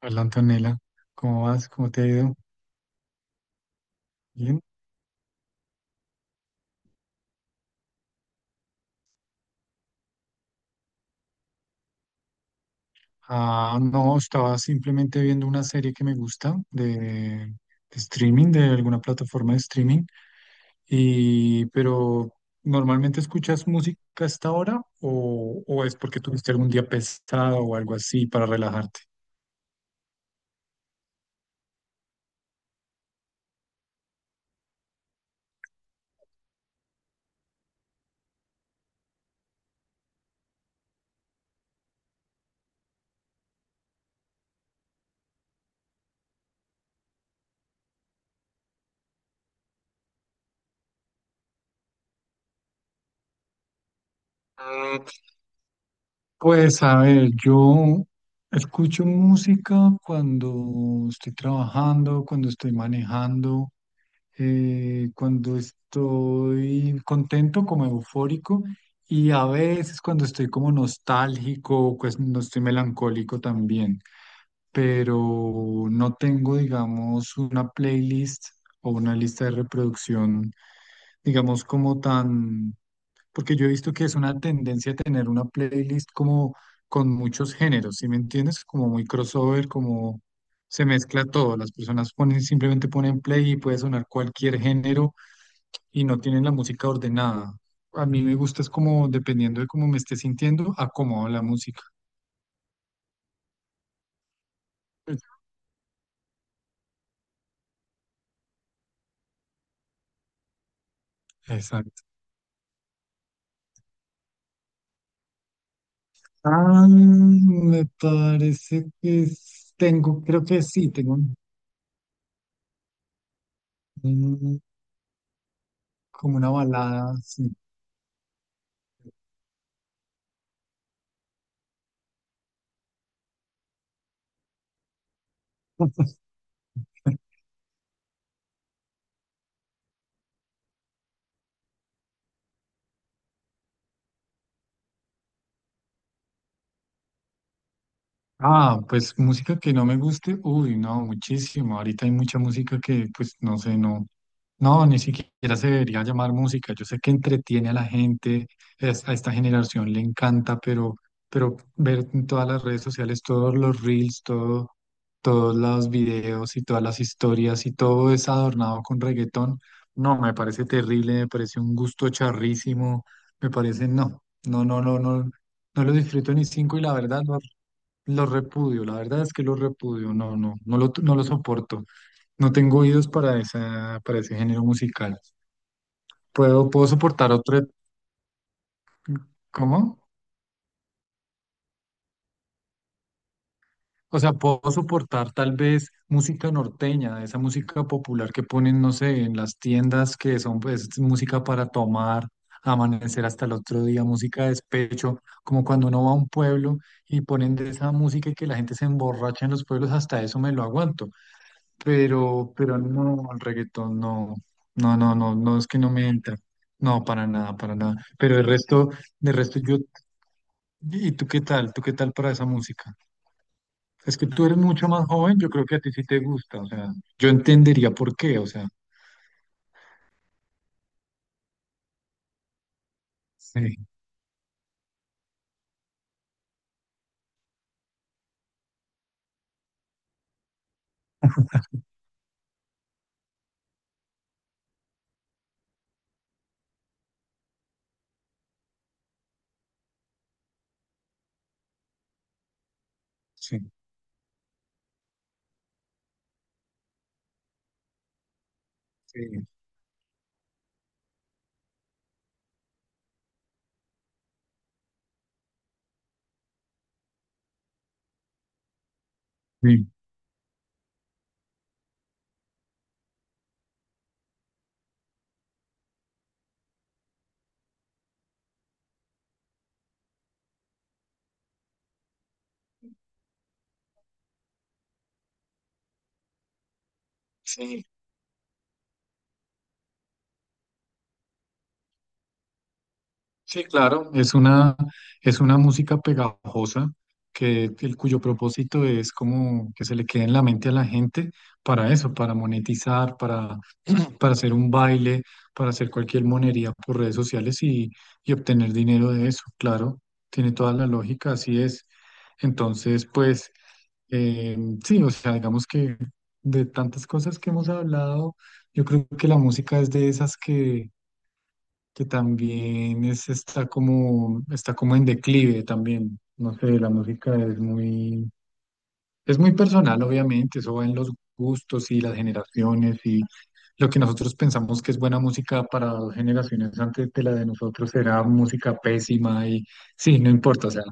Hola Antonella, ¿cómo vas? ¿Cómo te ha ido? Bien. Ah, no, estaba simplemente viendo una serie que me gusta de streaming, de alguna plataforma de streaming. Y, pero, ¿normalmente escuchas música a esta hora o es porque tuviste algún día pesado o algo así para relajarte? Mm, pues a ver, yo escucho música cuando estoy trabajando, cuando estoy manejando. Cuando estoy contento, como eufórico, y a veces cuando estoy como nostálgico, pues no estoy melancólico también, pero no tengo, digamos, una playlist o una lista de reproducción, digamos, como tan, porque yo he visto que es una tendencia tener una playlist como con muchos géneros, ¿sí me entiendes? Como muy crossover, como... Se mezcla todo, las personas ponen, simplemente ponen play y puede sonar cualquier género y no tienen la música ordenada. A mí me gusta es como dependiendo de cómo me esté sintiendo, acomodo la música. Exacto. Ah, me parece que tengo, creo que sí, tengo un- como una balada, sí. Ah, pues música que no me guste, uy, no, muchísimo. Ahorita hay mucha música que, pues, no sé, no, ni siquiera se debería llamar música. Yo sé que entretiene a la gente, a esta generación le encanta, pero ver en todas las redes sociales todos los reels, todo, todos los videos y todas las historias y todo es adornado con reggaetón, no, me parece terrible, me parece un gusto charrísimo, me parece, no, no, no, no, no. No lo disfruto ni cinco y la verdad no lo repudio, la verdad es que lo repudio, no, no, no lo, no lo soporto. No tengo oídos para esa, para ese género musical. Puedo, puedo soportar otro, ¿cómo? O sea, puedo soportar tal vez música norteña, esa música popular que ponen, no sé, en las tiendas que son pues música para tomar, amanecer hasta el otro día, música de despecho, como cuando uno va a un pueblo y ponen de esa música y que la gente se emborracha en los pueblos, hasta eso me lo aguanto, pero no, el reggaetón no, no, no, no, no, es que no me entra. No, para nada, para nada. Pero el resto, de resto yo, ¿y tú qué tal? ¿Tú qué tal para esa música? Es que tú eres mucho más joven, yo creo que a ti sí te gusta, o sea, yo entendería por qué, o sea, sí, sí, sí, sí. Sí. Sí, claro, es una música pegajosa que el cuyo propósito es como que se le quede en la mente a la gente para eso, para monetizar, para, para hacer un baile, para hacer cualquier monería por redes sociales y obtener dinero de eso, claro, tiene toda la lógica, así es. Entonces, pues, eh, sí, o sea, digamos que de tantas cosas que hemos hablado, yo creo que la música es de esas que también es, está como en declive también. No sé, la música es muy personal, obviamente, eso va en los gustos y las generaciones y lo que nosotros pensamos que es buena música para dos generaciones antes de la de nosotros será música pésima y sí, no importa, o sea,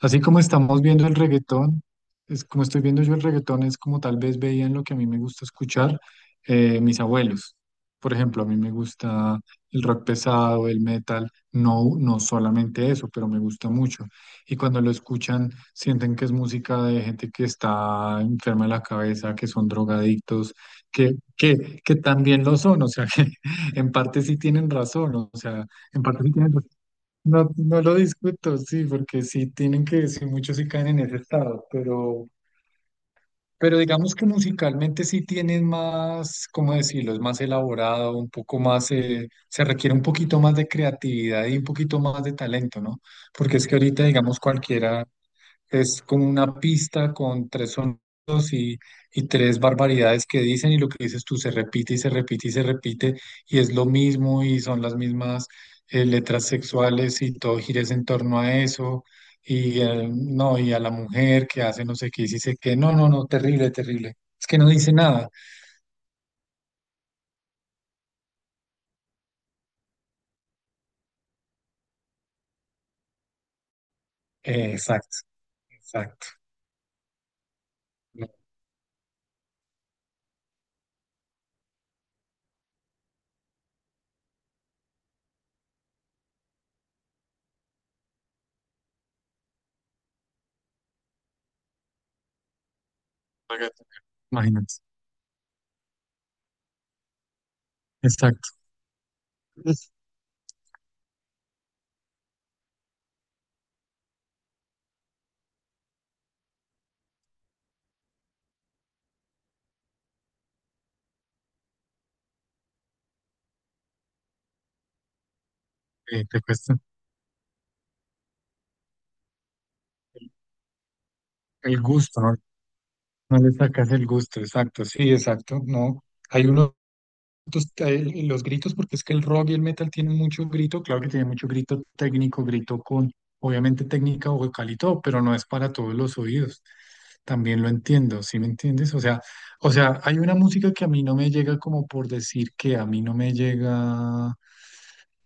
así como estamos viendo el reggaetón, es como estoy viendo yo el reggaetón, es como tal vez veían lo que a mí me gusta escuchar, mis abuelos. Por ejemplo, a mí me gusta el rock pesado, el metal, no, no solamente eso, pero me gusta mucho y cuando lo escuchan sienten que es música de gente que está enferma de la cabeza, que son drogadictos, que también lo son, o sea, que en parte sí tienen razón, o sea, en parte sí tienen razón. No, no lo discuto, sí, porque sí tienen que, sí, muchos sí caen en ese estado, pero digamos que musicalmente sí tienen más, ¿cómo decirlo? Es más elaborado, un poco más, se requiere un poquito más de creatividad y un poquito más de talento, ¿no? Porque es que ahorita, digamos, cualquiera es como una pista con tres sonidos y, y tres barbaridades que dicen y lo que dices tú se repite y se repite y se repite y es lo mismo y son las mismas letras sexuales y todo gira es en torno a eso y no, y a la mujer que hace no sé qué y dice que no, no, no, terrible, terrible. Es que no dice nada. Exacto, exacto. No, imagínate, exacto. Te cuesta el gusto, ¿no? No le sacas el gusto, exacto, sí, exacto, no. Hay unos gritos, los gritos, porque es que el rock y el metal tienen mucho grito, claro que tiene mucho grito técnico, grito con, obviamente técnica vocal y todo, pero no es para todos los oídos. También lo entiendo, ¿sí me entiendes? O sea, hay una música que a mí no me llega como por decir que a mí no me llega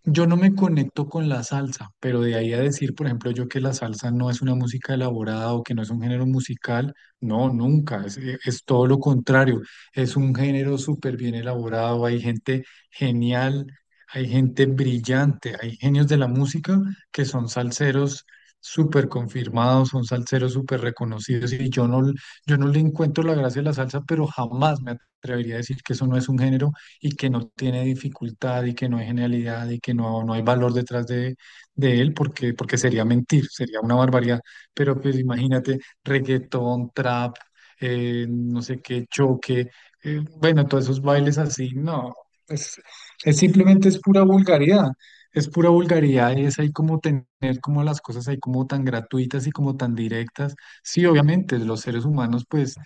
yo no me conecto con la salsa, pero de ahí a decir, por ejemplo, yo que la salsa no es una música elaborada o que no es un género musical, no, nunca, es todo lo contrario, es un género súper bien elaborado, hay gente genial, hay gente brillante, hay genios de la música que son salseros súper confirmados, son salseros súper reconocidos y yo no, yo no le encuentro la gracia a la salsa, pero jamás me atrevería a decir que eso no es un género y que no tiene dificultad y que no hay genialidad y que no, no hay valor detrás de él, porque, porque sería mentir, sería una barbaridad. Pero pues imagínate, reggaetón, trap, no sé qué, choque, bueno, todos esos bailes así, no, es, es simplemente es pura vulgaridad. Es pura vulgaridad y es ahí como tener como las cosas ahí como tan gratuitas y como tan directas. Sí, obviamente, los seres humanos pues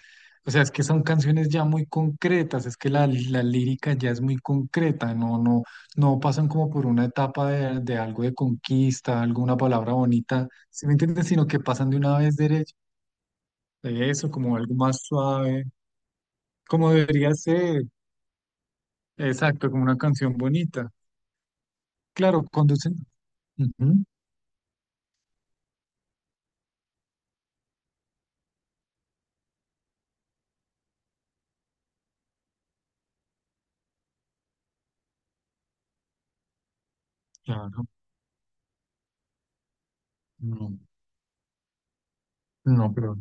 o sea, es que son canciones ya muy concretas, es que la lírica ya es muy concreta, no pasan como por una etapa de algo de conquista, alguna palabra bonita, ¿sí me entiendes? Sino que pasan de una vez derecho, de eso, como algo más suave, como debería ser, exacto, como una canción bonita. Claro, conducen, ujú, claro, no, no, pero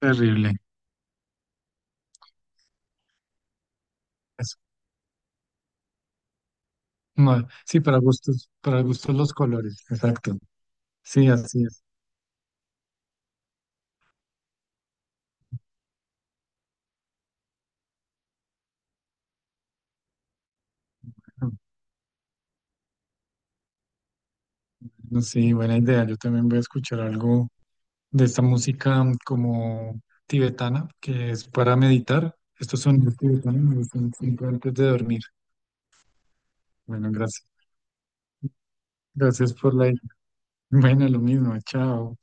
terrible. Eso. No, sí, para gustos los colores, exacto, sí, así es. Sí, buena idea. Yo también voy a escuchar algo de esta música mm, como tibetana, que es para meditar. Estos sonidos tibetanos me gustan siempre antes de dormir. Bueno, gracias. Gracias por la... idea. Bueno, lo mismo. Chao.